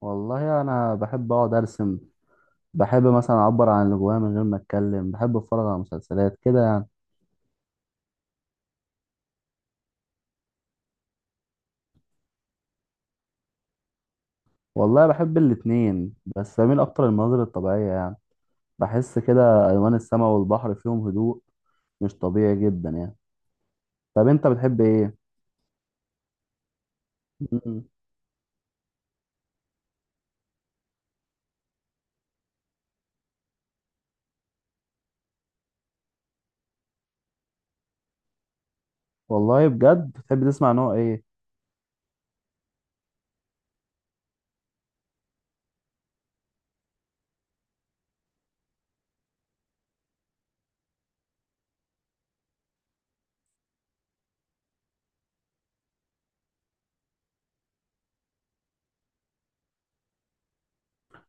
والله انا بحب اقعد ارسم. بحب مثلا اعبر عن اللي جوايا من غير ما اتكلم، بحب اتفرج على مسلسلات كده يعني. والله بحب الاتنين بس بميل اكتر للمناظر الطبيعية يعني. بحس كده الوان السماء والبحر فيهم هدوء مش طبيعي جدا يعني. طب انت بتحب ايه؟ مم. والله بجد بتحب تسمع نوع ايه؟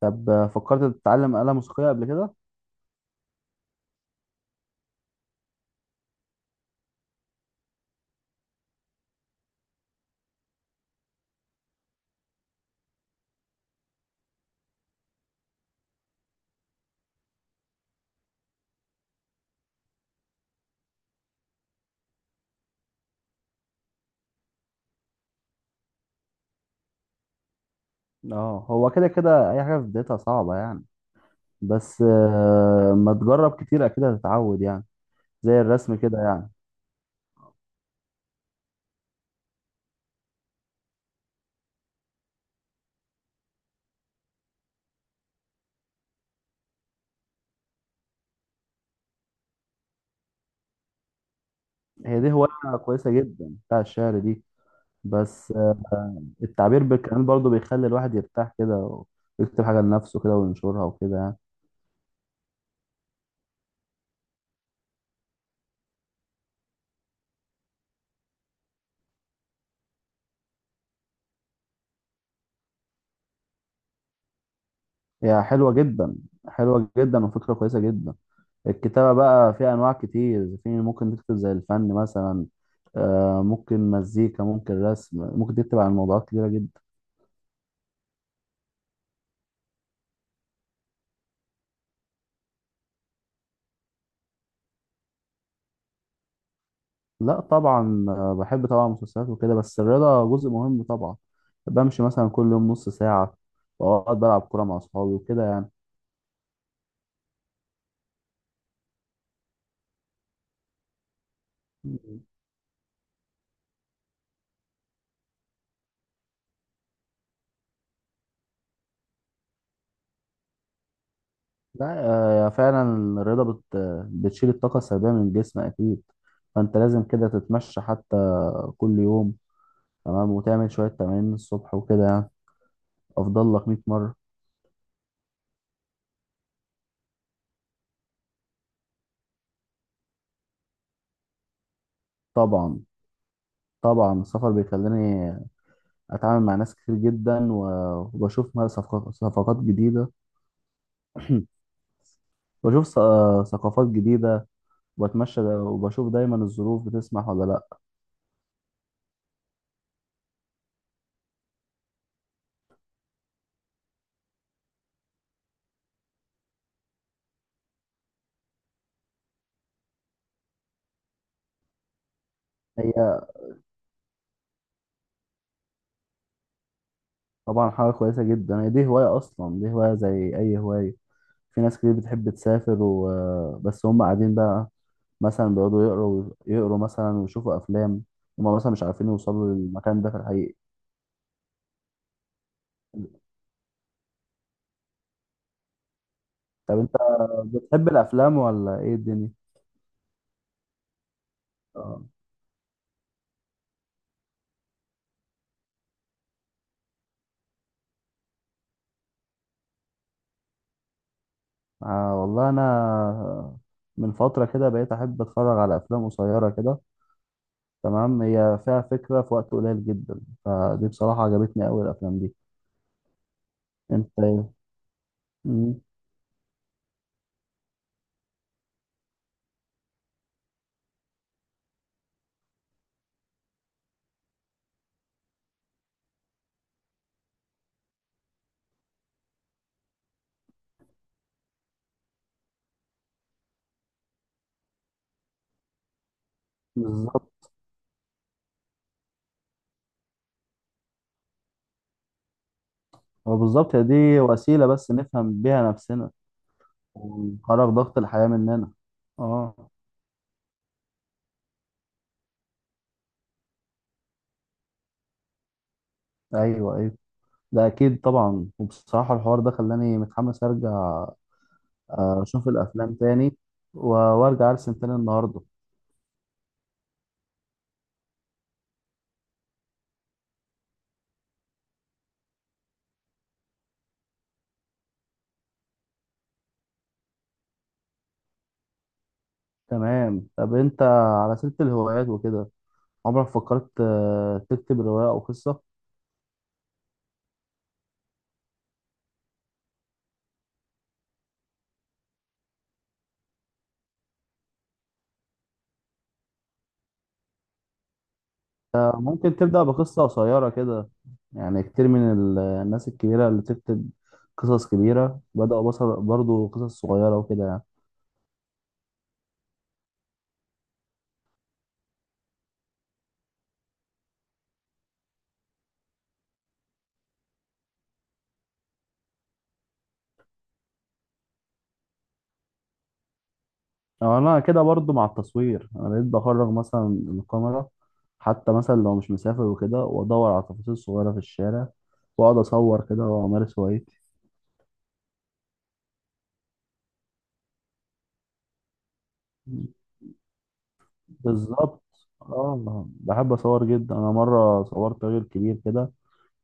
طب فكرت تتعلم آلة موسيقية قبل كده؟ اه هو كده كده اي حاجة في بدايتها صعبة يعني، بس ما تجرب كتير اكيد هتتعود يعني، زي الرسم كده يعني. هي دي هواية كويسة جدا بتاع الشعر دي، بس التعبير بالكلام برضه بيخلي الواحد يرتاح كده، ويكتب حاجة لنفسه كده وينشرها وكده يعني. هي حلوة جدا، حلوة جدا وفكرة كويسة جدا. الكتابة بقى فيها أنواع كتير، في ممكن تكتب زي الفن مثلا، ممكن مزيكا، ممكن رسم، ممكن تكتب عن موضوعات كتيرة جدا. لا طبعا، بحب طبعا المسلسلات وكده، بس الرياضة جزء مهم طبعا. بمشي مثلا كل يوم نص ساعة، وأقعد بلعب كورة مع أصحابي وكده يعني. لا، فعلا الرياضة بتشيل الطاقة السلبية من الجسم أكيد. فأنت لازم كده تتمشى حتى كل يوم، تمام، وتعمل شوية تمارين الصبح وكده يعني. أفضل لك 100 مرة. طبعا، طبعا السفر بيخليني أتعامل مع ناس كتير جدا، وبشوف صفقات جديدة. بشوف ثقافات جديدة، وبتمشى وبشوف دايما الظروف بتسمح ولا لأ. هي طبعا حاجة كويسة جدا، هي دي هواية أصلا، دي هواية زي أي هواية. في ناس كتير بتحب تسافر وبس، هم قاعدين بقى مثلا، بيقعدوا يقروا مثلا ويشوفوا أفلام، هم مثلا مش عارفين يوصلوا للمكان ده في الحقيقة. طب أنت بتحب الأفلام ولا إيه الدنيا؟ آه. والله أنا من فترة كده بقيت أحب أتفرج على أفلام قصيرة كده، تمام، هي فيها فكرة في وقت قليل جدا، فدي بصراحة عجبتني أوي الأفلام دي. أنت إيه؟ مم. بالظبط. هو بالظبط، هي دي وسيلة بس نفهم بيها نفسنا، خرج ضغط الحياة مننا. اه، ايوه ايوه، ده اكيد طبعا. وبصراحة الحوار ده خلاني متحمس ارجع، اشوف الافلام تاني، وارجع ارسم تاني النهاردة. تمام. طب انت على سيرة الهوايات وكده، عمرك فكرت تكتب رواية او قصة؟ ممكن تبدأ بقصة قصيرة كده يعني. كتير من الناس الكبيرة اللي تكتب قصص كبيرة بدأوا بصر برضو قصص صغيرة وكده يعني. أو انا كده برضو مع التصوير، انا بقيت بخرج مثلا الكاميرا حتى مثلا لو مش مسافر وكده، وادور على التفاصيل الصغيره في الشارع، واقعد اصور كده وامارس هوايتي. بالظبط. اه بحب اصور جدا، انا مره صورت راجل كبير كده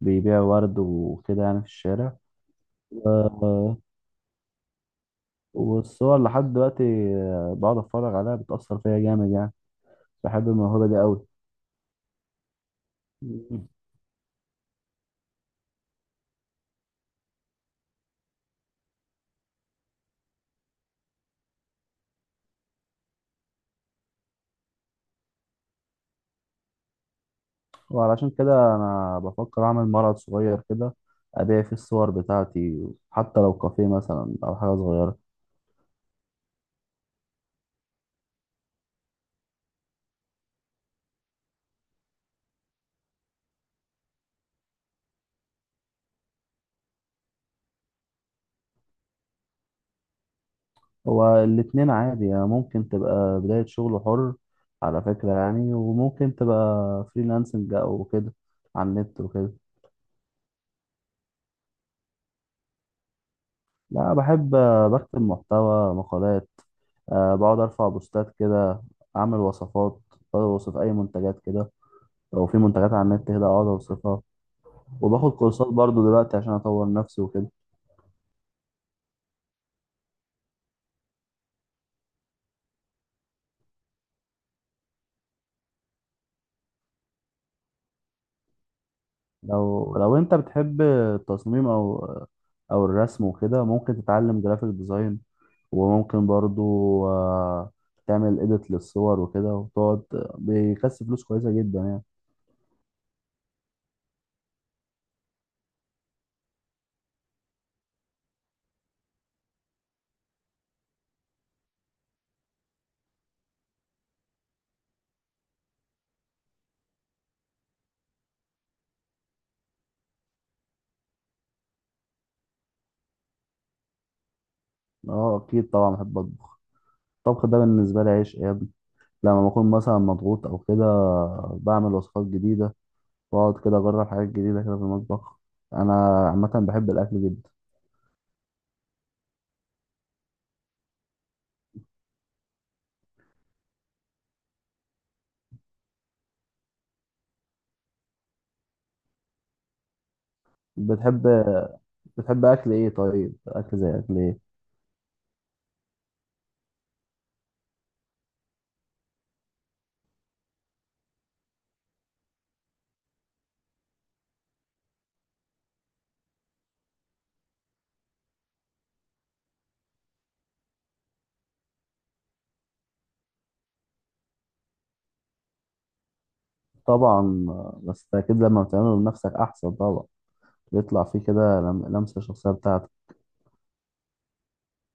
بيبيع ورد وكده يعني في الشارع. آه، والصور لحد دلوقتي بقعد اتفرج عليها، بتاثر فيا جامد يعني. بحب الموهبه دي قوي. وعلشان كده انا بفكر اعمل معرض صغير كده، ابيع فيه الصور بتاعتي، حتى لو كافيه مثلا او حاجه صغيره. هو الاتنين عادي يعني، ممكن تبقى بدايه شغل حر على فكره يعني، وممكن تبقى فريلانسنج او كده على النت وكده. لا، بحب بكتب محتوى مقالات، أه بقعد ارفع بوستات كده، اعمل وصفات، بوصف اي منتجات كده. لو في منتجات على النت كده اقعد اوصفها. وباخد كورسات برضو دلوقتي عشان اطور نفسي وكده. لو انت بتحب التصميم او او الرسم وكده، ممكن تتعلم جرافيك ديزاين. وممكن برضو، آه، تعمل اديت للصور وكده وتقعد، بيكسب فلوس كويسة جدا يعني. اه اكيد طبعا بحب اطبخ. الطبخ ده بالنسبة لي عيش يا ابني. لما بكون مثلا مضغوط او كده، بعمل وصفات جديدة، واقعد كده اجرب حاجات جديدة كده في المطبخ. انا عامة بحب الاكل جدا. بتحب بتحب اكل ايه؟ طيب اكل زي اكل ايه؟ طبعا، بس ده أكيد لما بتعمله لنفسك أحسن طبعا، بيطلع فيه كده لمسة شخصية بتاعتك.